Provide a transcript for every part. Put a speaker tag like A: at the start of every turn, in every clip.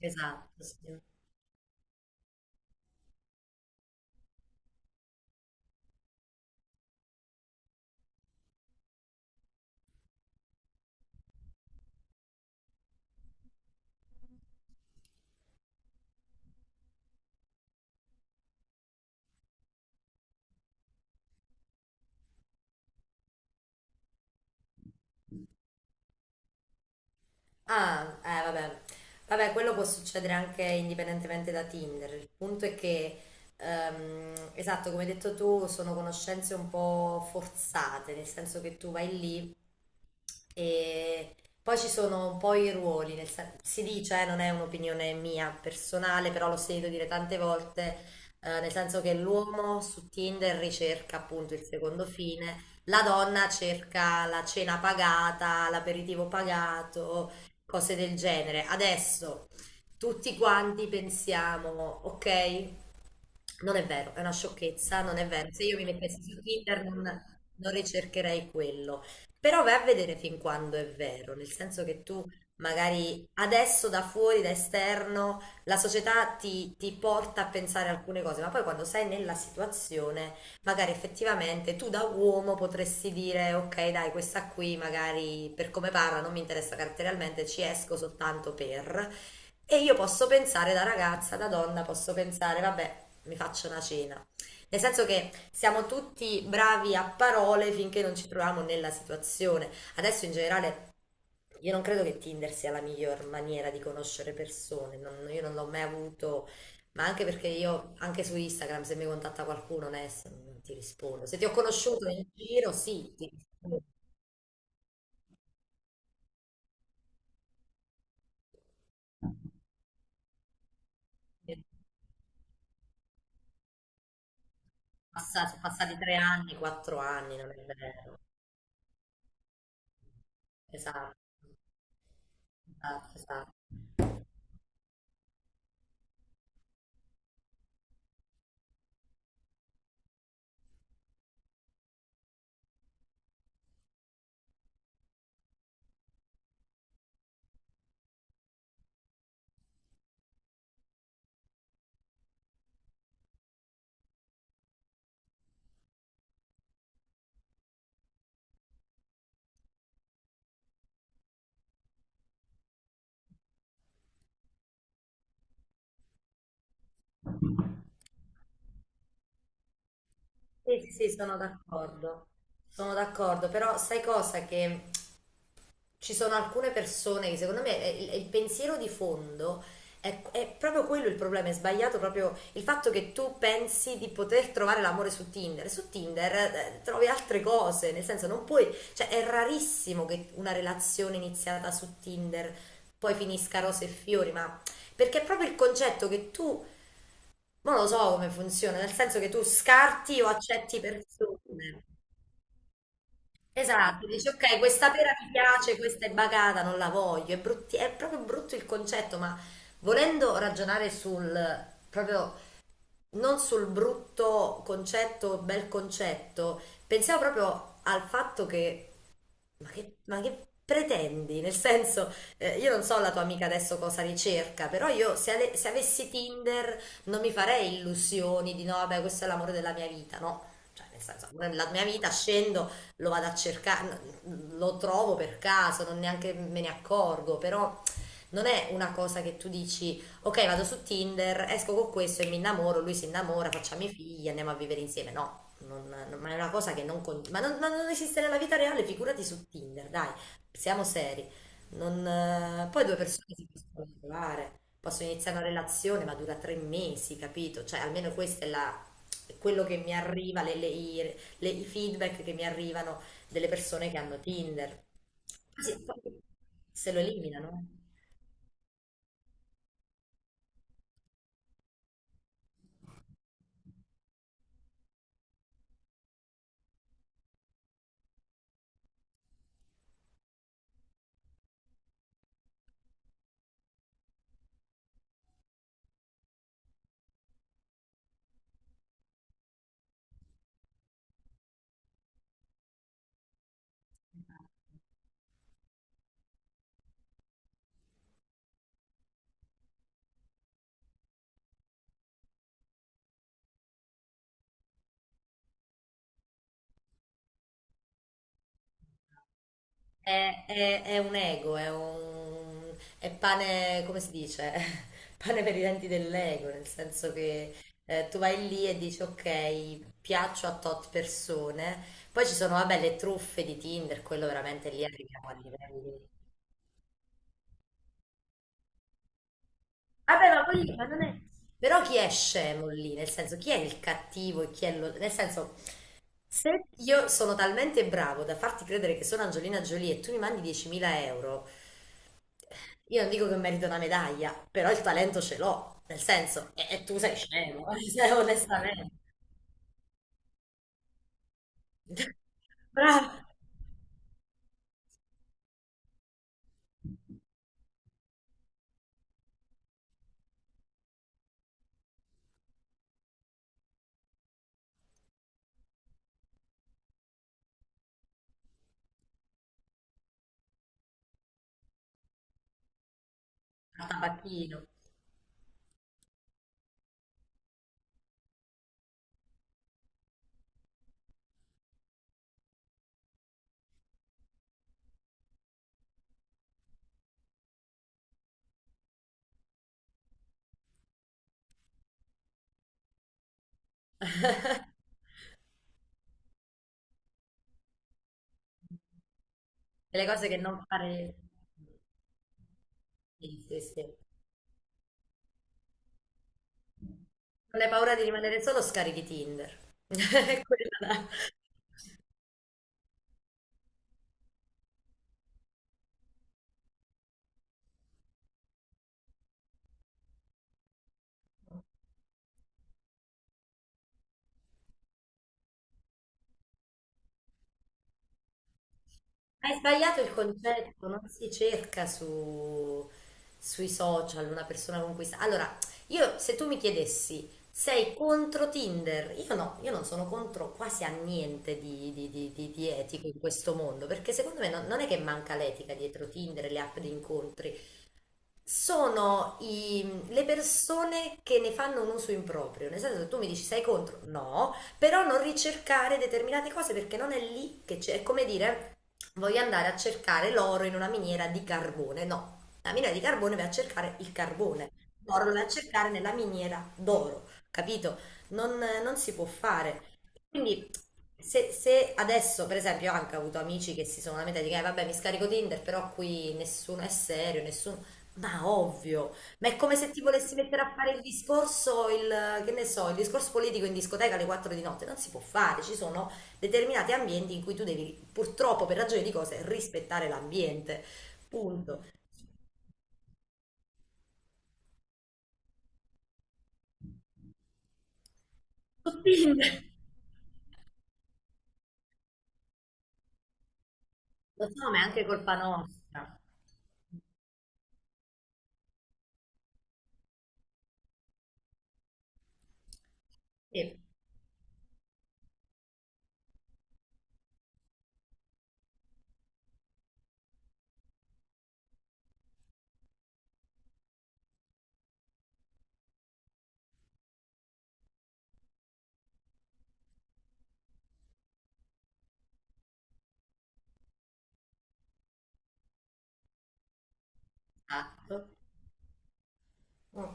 A: Esatto, sì. Ah, vabbè. Vabbè, quello può succedere anche indipendentemente da Tinder. Il punto è che, esatto, come hai detto tu, sono conoscenze un po' forzate, nel senso che tu vai lì e poi ci sono un po' i ruoli, si dice, non è un'opinione mia personale, però l'ho sentito dire tante volte, nel senso che l'uomo su Tinder ricerca appunto il secondo fine, la donna cerca la cena pagata, l'aperitivo pagato cose del genere. Adesso tutti quanti pensiamo, ok, non è vero, è una sciocchezza, non è vero. Se io mi mettessi su Tinder non ricercherei quello. Però vai a vedere fin quando è vero, nel senso che tu magari adesso da fuori, da esterno, la società ti porta a pensare alcune cose, ma poi quando sei nella situazione magari effettivamente tu da uomo potresti dire ok, dai, questa qui magari per come parla non mi interessa caratterialmente, ci esco soltanto per. E io posso pensare da ragazza, da donna, posso pensare, vabbè, mi faccio una cena. Nel senso che siamo tutti bravi a parole finché non ci troviamo nella situazione. Adesso in generale io non credo che Tinder sia la miglior maniera di conoscere persone, io non l'ho mai avuto, ma anche perché io anche su Instagram se mi contatta qualcuno Ness, non ti rispondo. Se ti ho conosciuto in giro, sì, ti rispondo. Sono passati 3 anni, 4 anni, non è vero. Esatto, esatto, esatto. Sì, sì, sì, sono d'accordo. Sono d'accordo, però sai cosa, che ci sono alcune persone che secondo me il pensiero di fondo è proprio quello il problema, è sbagliato proprio il fatto che tu pensi di poter trovare l'amore su Tinder. Su Tinder trovi altre cose, nel senso non puoi, cioè è rarissimo che una relazione iniziata su Tinder poi finisca rose e fiori, ma perché è proprio il concetto che tu, ma non lo so come funziona, nel senso che tu scarti o accetti persone. Esatto, dici ok, questa pera mi piace, questa è bagata, non la voglio, è proprio brutto il concetto, ma volendo ragionare sul proprio non sul brutto concetto, bel concetto, pensiamo proprio al fatto che ma che pretendi? Nel senso, io non so la tua amica adesso cosa ricerca, però io se avessi Tinder non mi farei illusioni di no, vabbè, questo è l'amore della mia vita, no? Cioè, nel senso, l'amore della mia vita scendo, lo vado a cercare, lo trovo per caso, non neanche me ne accorgo, però non è una cosa che tu dici, ok, vado su Tinder, esco con questo e mi innamoro, lui si innamora, facciamo i figli, andiamo a vivere insieme, no. Ma è una cosa che non, con- ma non esiste nella vita reale, figurati su Tinder, dai, siamo seri. Non, poi due persone si possono trovare, possono iniziare una relazione, ma dura 3 mesi, capito? Cioè, almeno questo è quello che mi arriva, i feedback che mi arrivano delle persone che hanno Tinder. Sì, poi se lo eliminano. È un ego, è pane, come si dice? Pane per i denti dell'ego, nel senso che tu vai lì e dici ok, piaccio a tot persone, poi ci sono, vabbè, le truffe di Tinder, quello veramente lì arriviamo a livelli. Vabbè, ma poi, ma non è... Però chi è scemo lì? Nel senso, chi è il cattivo e chi è lo... Nel senso, se io sono talmente bravo da farti credere che sono Angelina Jolie e tu mi mandi 10.000 euro. Io non dico che merito una medaglia, però il talento ce l'ho, nel senso, e tu sei scemo, onestamente. Bravo, a tabacchino. Delle cose che non fare. Sì, sì, sì. Non hai paura di rimanere solo, scarichi Tinder. Quella là. Hai sbagliato il concetto, non si cerca sui social una persona con cui sta. Allora, io se tu mi chiedessi, sei contro Tinder? Io no, io non sono contro quasi a niente di, di etico in questo mondo, perché secondo me non è che manca l'etica dietro Tinder e le app di incontri, sono le persone che ne fanno un uso improprio, nel senso che tu mi dici sei contro, no, però non ricercare determinate cose perché non è lì che c'è, è come dire voglio andare a cercare l'oro in una miniera di carbone, no, la miniera di carbone va a cercare il carbone, l'oro lo va a cercare nella miniera d'oro, capito? Non si può fare. Quindi se adesso, per esempio, ho anche avuto amici che si sono lamentati che vabbè mi scarico Tinder, però qui nessuno è serio, nessuno... Ma ovvio, ma è come se ti volessi mettere a fare il discorso, che ne so, il discorso politico in discoteca alle 4 di notte, non si può fare, ci sono determinati ambienti in cui tu devi purtroppo per ragioni di cose rispettare l'ambiente, punto. Quindi, lo so, ma è anche colpa nostra. Sì, esatto. Mm.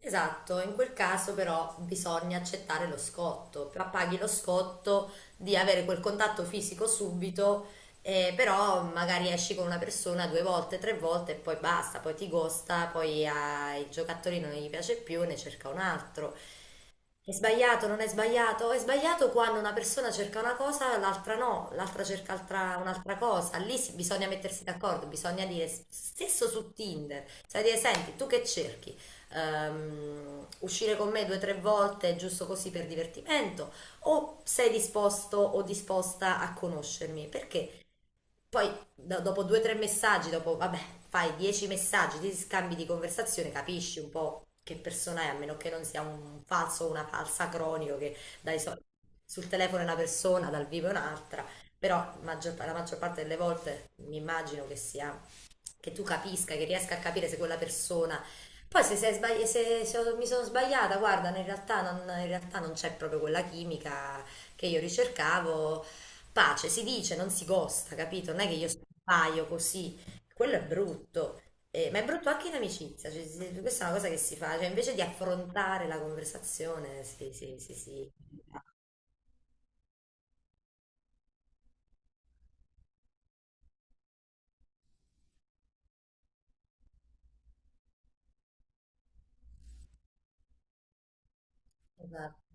A: Esatto, in quel caso però bisogna accettare lo scotto, ma paghi lo scotto di avere quel contatto fisico subito, però magari esci con una persona due volte, tre volte e poi basta, poi ti gosta, poi ai giocatori non gli piace più, ne cerca un altro. È sbagliato, non è sbagliato? È sbagliato quando una persona cerca una cosa, l'altra no, l'altra cerca un'altra cosa. Lì bisogna mettersi d'accordo, bisogna dire, stesso su Tinder, sai dire, senti, tu che cerchi? Uscire con me due o tre volte giusto così per divertimento? O sei disposto o disposta a conoscermi? Perché poi dopo due o tre messaggi, dopo, vabbè, fai 10 messaggi, ti scambi di conversazione, capisci un po' che persona è, a meno che non sia un falso o una falsa cronico che dai sul telefono è una persona, dal vivo è un'altra, però la maggior parte delle volte mi immagino che sia, che tu capisca, che riesca a capire se quella persona... Poi se, sei sbagli- se- se ho- mi sono sbagliata, guarda, in realtà non c'è proprio quella chimica che io ricercavo pace, si dice, non si gosta, capito? Non è che io sbaglio così, quello è brutto, Ma è brutto anche in amicizia, cioè, questa è una cosa che si fa, cioè invece di affrontare la conversazione. Esatto.